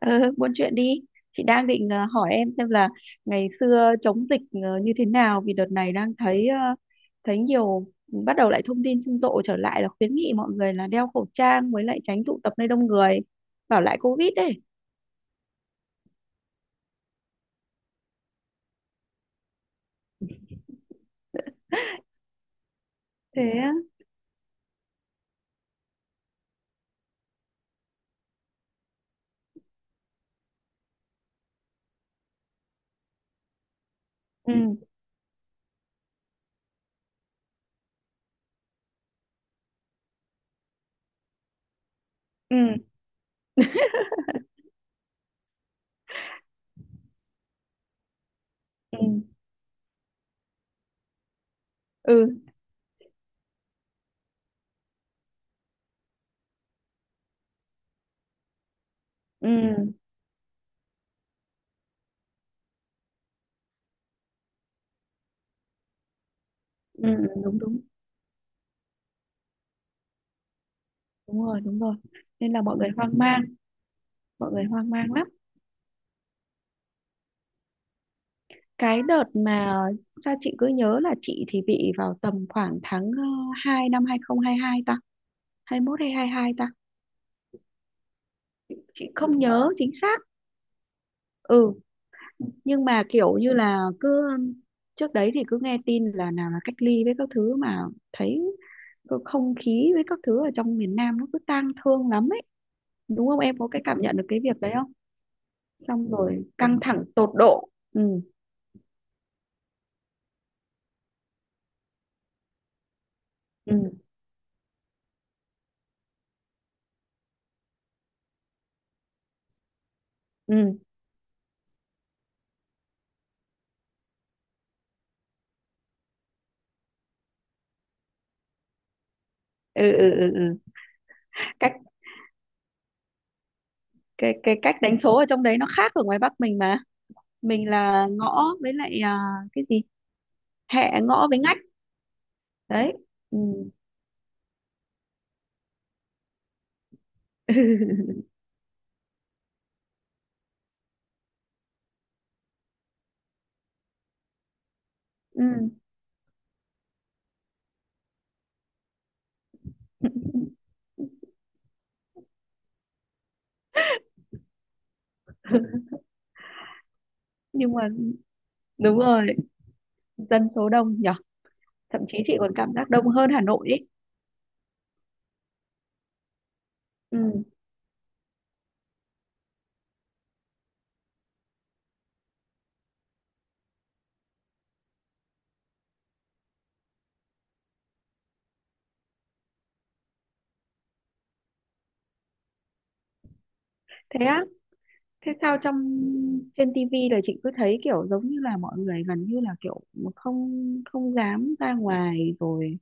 Ừ, buôn chuyện đi. Chị đang định hỏi em xem là ngày xưa chống dịch như thế nào, vì đợt này đang thấy nhiều, ừ, bắt đầu lại thông tin rầm rộ trở lại, là khuyến nghị mọi người là đeo khẩu trang với lại tránh tụ tập nơi đông người, bảo lại Covid đấy. Thế á? Ừ, ừ, ừ, ừ, ừ, ừ, đúng đúng, đúng rồi đúng rồi. Nên là mọi người hoang mang, mọi người hoang mang lắm. Cái đợt mà sao chị cứ nhớ là chị thì bị vào tầm khoảng tháng hai, năm 2022 ta, 21 hay 22 ta, chị không nhớ chính xác. Ừ, nhưng mà kiểu như là cứ trước đấy thì cứ nghe tin là nào là cách ly với các thứ, mà thấy cái không khí với các thứ ở trong miền Nam nó cứ tang thương lắm ấy, đúng không, em có cái cảm nhận được cái việc đấy không, xong rồi căng thẳng tột độ. Ừ, ừ, ừ, ừ, ừ, ừ. Ừ. cách cái cách đánh số ở trong đấy nó khác ở ngoài Bắc mình mà, mình là ngõ với lại, à, cái gì, hẹ, ngõ với ngách đấy. Ừ. Ừ. Nhưng mà đúng rồi, dân số đông nhở, thậm chí chị còn cảm giác đông hơn Hà Nội ấy. Ừ. Thế á? Thế sao trong trên tivi là chị cứ thấy kiểu giống như là mọi người gần như là kiểu không không dám ra ngoài rồi,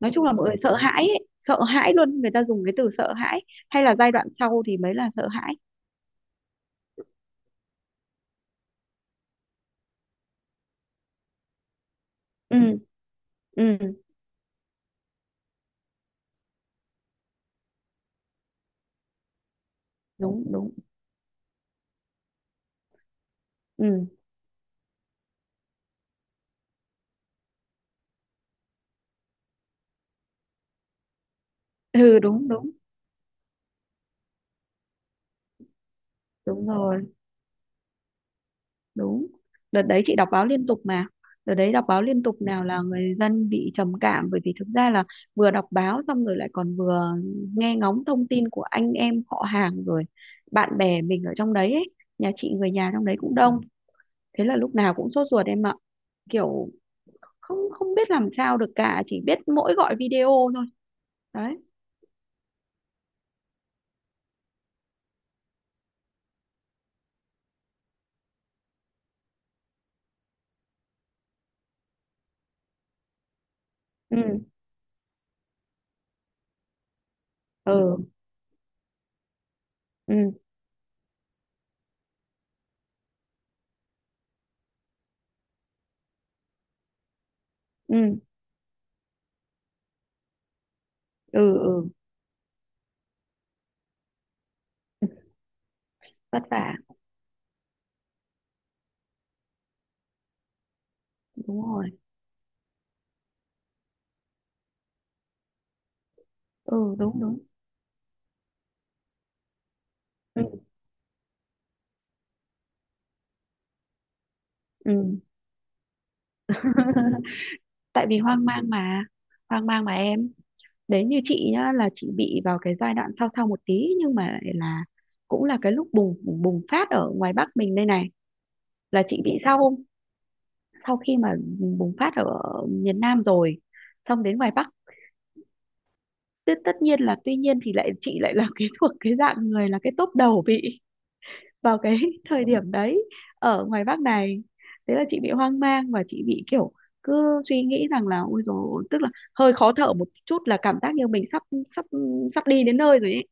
nói chung là mọi người sợ hãi ấy. Sợ hãi luôn, người ta dùng cái từ sợ hãi, hay là giai đoạn sau thì mới là sợ hãi. Ừ, ừ, đúng đúng, ừ, ừ, đúng đúng đúng rồi, đúng, đợt đấy chị đọc báo liên tục mà, đợt đấy đọc báo liên tục, nào là người dân bị trầm cảm, bởi vì thực ra là vừa đọc báo xong rồi lại còn vừa nghe ngóng thông tin của anh em họ hàng rồi bạn bè mình ở trong đấy ấy. Nhà chị người nhà trong đấy cũng đông, thế là lúc nào cũng sốt ruột em ạ, kiểu không không biết làm sao được cả, chỉ biết mỗi gọi video thôi đấy. Ừ, ừ, ừ, ừ, ừ, ừ. Vất vả. Đúng rồi. Ừ, đúng đúng, ừ, ừ. Tại vì hoang mang mà, hoang mang mà em. Đấy, như chị nhá, là chị bị vào cái giai đoạn sau sau một tí, nhưng mà lại là cũng là cái lúc bùng bùng phát ở ngoài Bắc mình đây này, là chị bị sau sau khi mà bùng phát ở miền Nam rồi xong đến ngoài Bắc, tất tất nhiên là, tuy nhiên thì lại chị lại là cái thuộc cái dạng người là cái tốp đầu bị vào cái thời điểm đấy ở ngoài Bắc này. Thế là chị bị hoang mang và chị bị kiểu cứ suy nghĩ rằng là, ôi dồi, tức là hơi khó thở một chút là cảm giác như mình sắp sắp sắp đi đến nơi rồi ấy.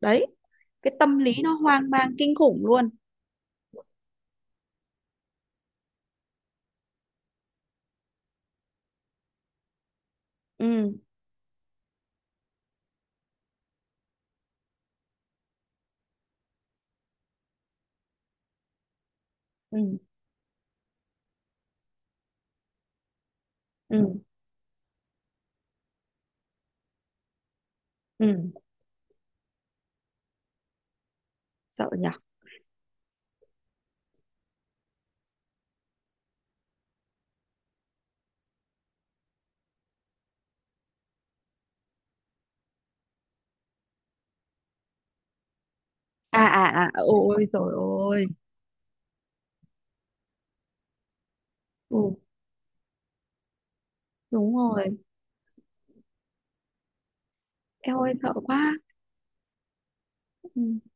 Đấy, cái tâm lý nó hoang mang kinh khủng luôn. Ừ, ừ, ừ, ừ, sợ nhở, à à à ôi rồi ôi, ừ, đúng rồi, em ơi sợ quá. Ừ.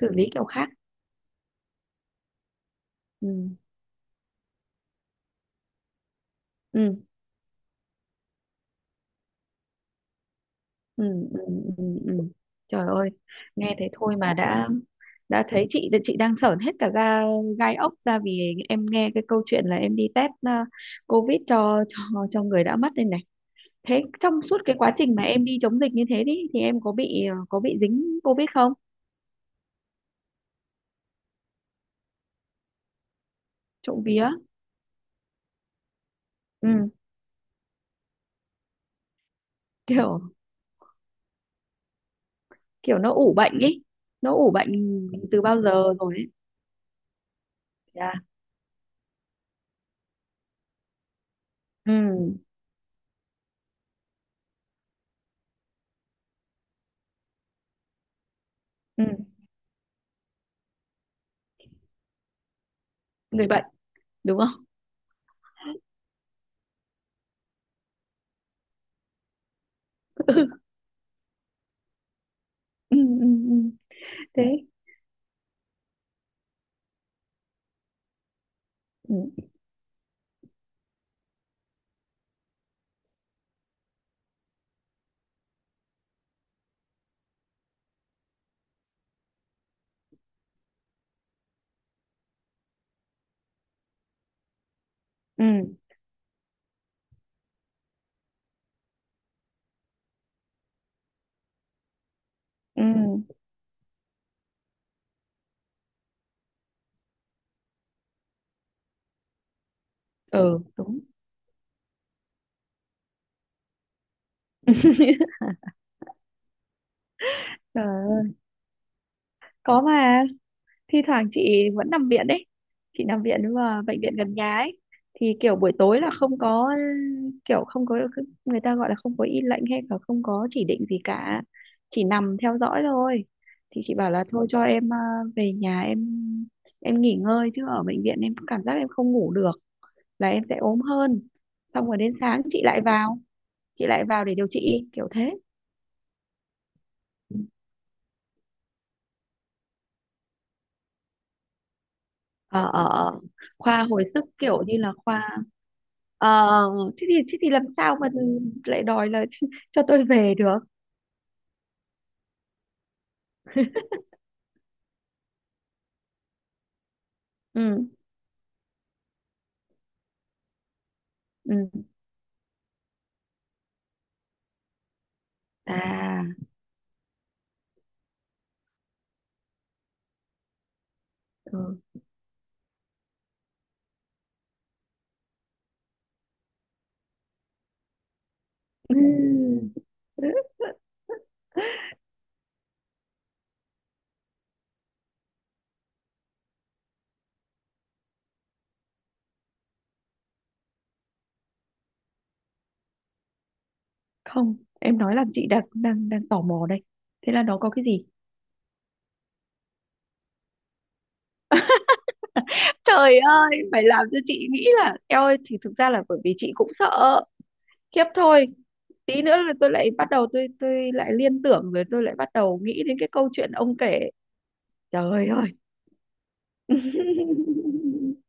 Xử lý kiểu khác. Ừ, ừ, ừ, ừ, ừ, ừ. Trời ơi, nghe thế thôi mà đã thấy chị đang sởn hết cả da gai ốc ra, vì em nghe cái câu chuyện là em đi test COVID cho người đã mất đây này. Thế trong suốt cái quá trình mà em đi chống dịch như thế đi thì em có bị dính COVID không? Trộm vía. Ừ, kiểu kiểu nó ủ bệnh ý. Nó ủ bệnh từ bao giờ rồi ấy. Dạ. Ừ, ừ, người bệnh, đúng không? Ừ, ừ, ừ. Thế. Ừ. Ừ. Ừ, ừ, đúng. Trời ơi, có mà thi thoảng chị vẫn nằm viện đấy, chị nằm viện nhưng mà bệnh viện gần nhà ấy, thì kiểu buổi tối là không có, kiểu không có, người ta gọi là không có y lệnh, hay là không có chỉ định gì cả, chỉ nằm theo dõi thôi, thì chị bảo là thôi cho em về nhà, em nghỉ ngơi chứ ở bệnh viện em cảm giác em không ngủ được, là em sẽ ốm hơn, xong rồi đến sáng chị lại vào, để điều trị kiểu thế. Ờ ờ ờ. Khoa hồi sức kiểu như là khoa, ờ, thế thì làm sao mà lại đòi là cho tôi về được. Ừ, ừ, à, ừ. Ừ. Không, em nói làm chị đang đang đang tò mò đây, thế là nó có cái gì? Trời ơi, phải làm cho chị nghĩ là eo ơi, thì thực ra là bởi vì chị cũng sợ khiếp thôi. Tí nữa là tôi lại bắt đầu tôi lại liên tưởng, rồi tôi lại bắt đầu nghĩ đến cái câu chuyện ông kể. Trời ơi.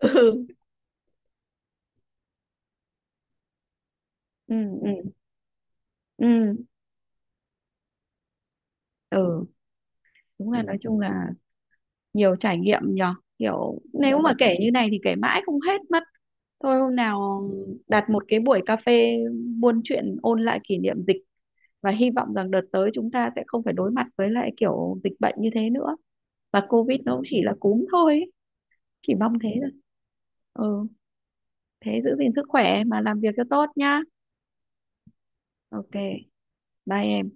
Ừ, ừ, ừ, ừ, ừ, đúng. Ừ, là nói chung là nhiều trải nghiệm nhờ, kiểu nếu, dạ mà vâng, kể như này thì kể mãi không hết mất, thôi hôm nào đặt một cái buổi cà phê buôn chuyện ôn lại kỷ niệm dịch, và hy vọng rằng đợt tới chúng ta sẽ không phải đối mặt với lại kiểu dịch bệnh như thế nữa, và covid nó cũng chỉ là cúm thôi ấy. Chỉ mong thế thôi. Ừ, thế giữ gìn sức khỏe mà làm việc cho tốt nhá. OK, bye em.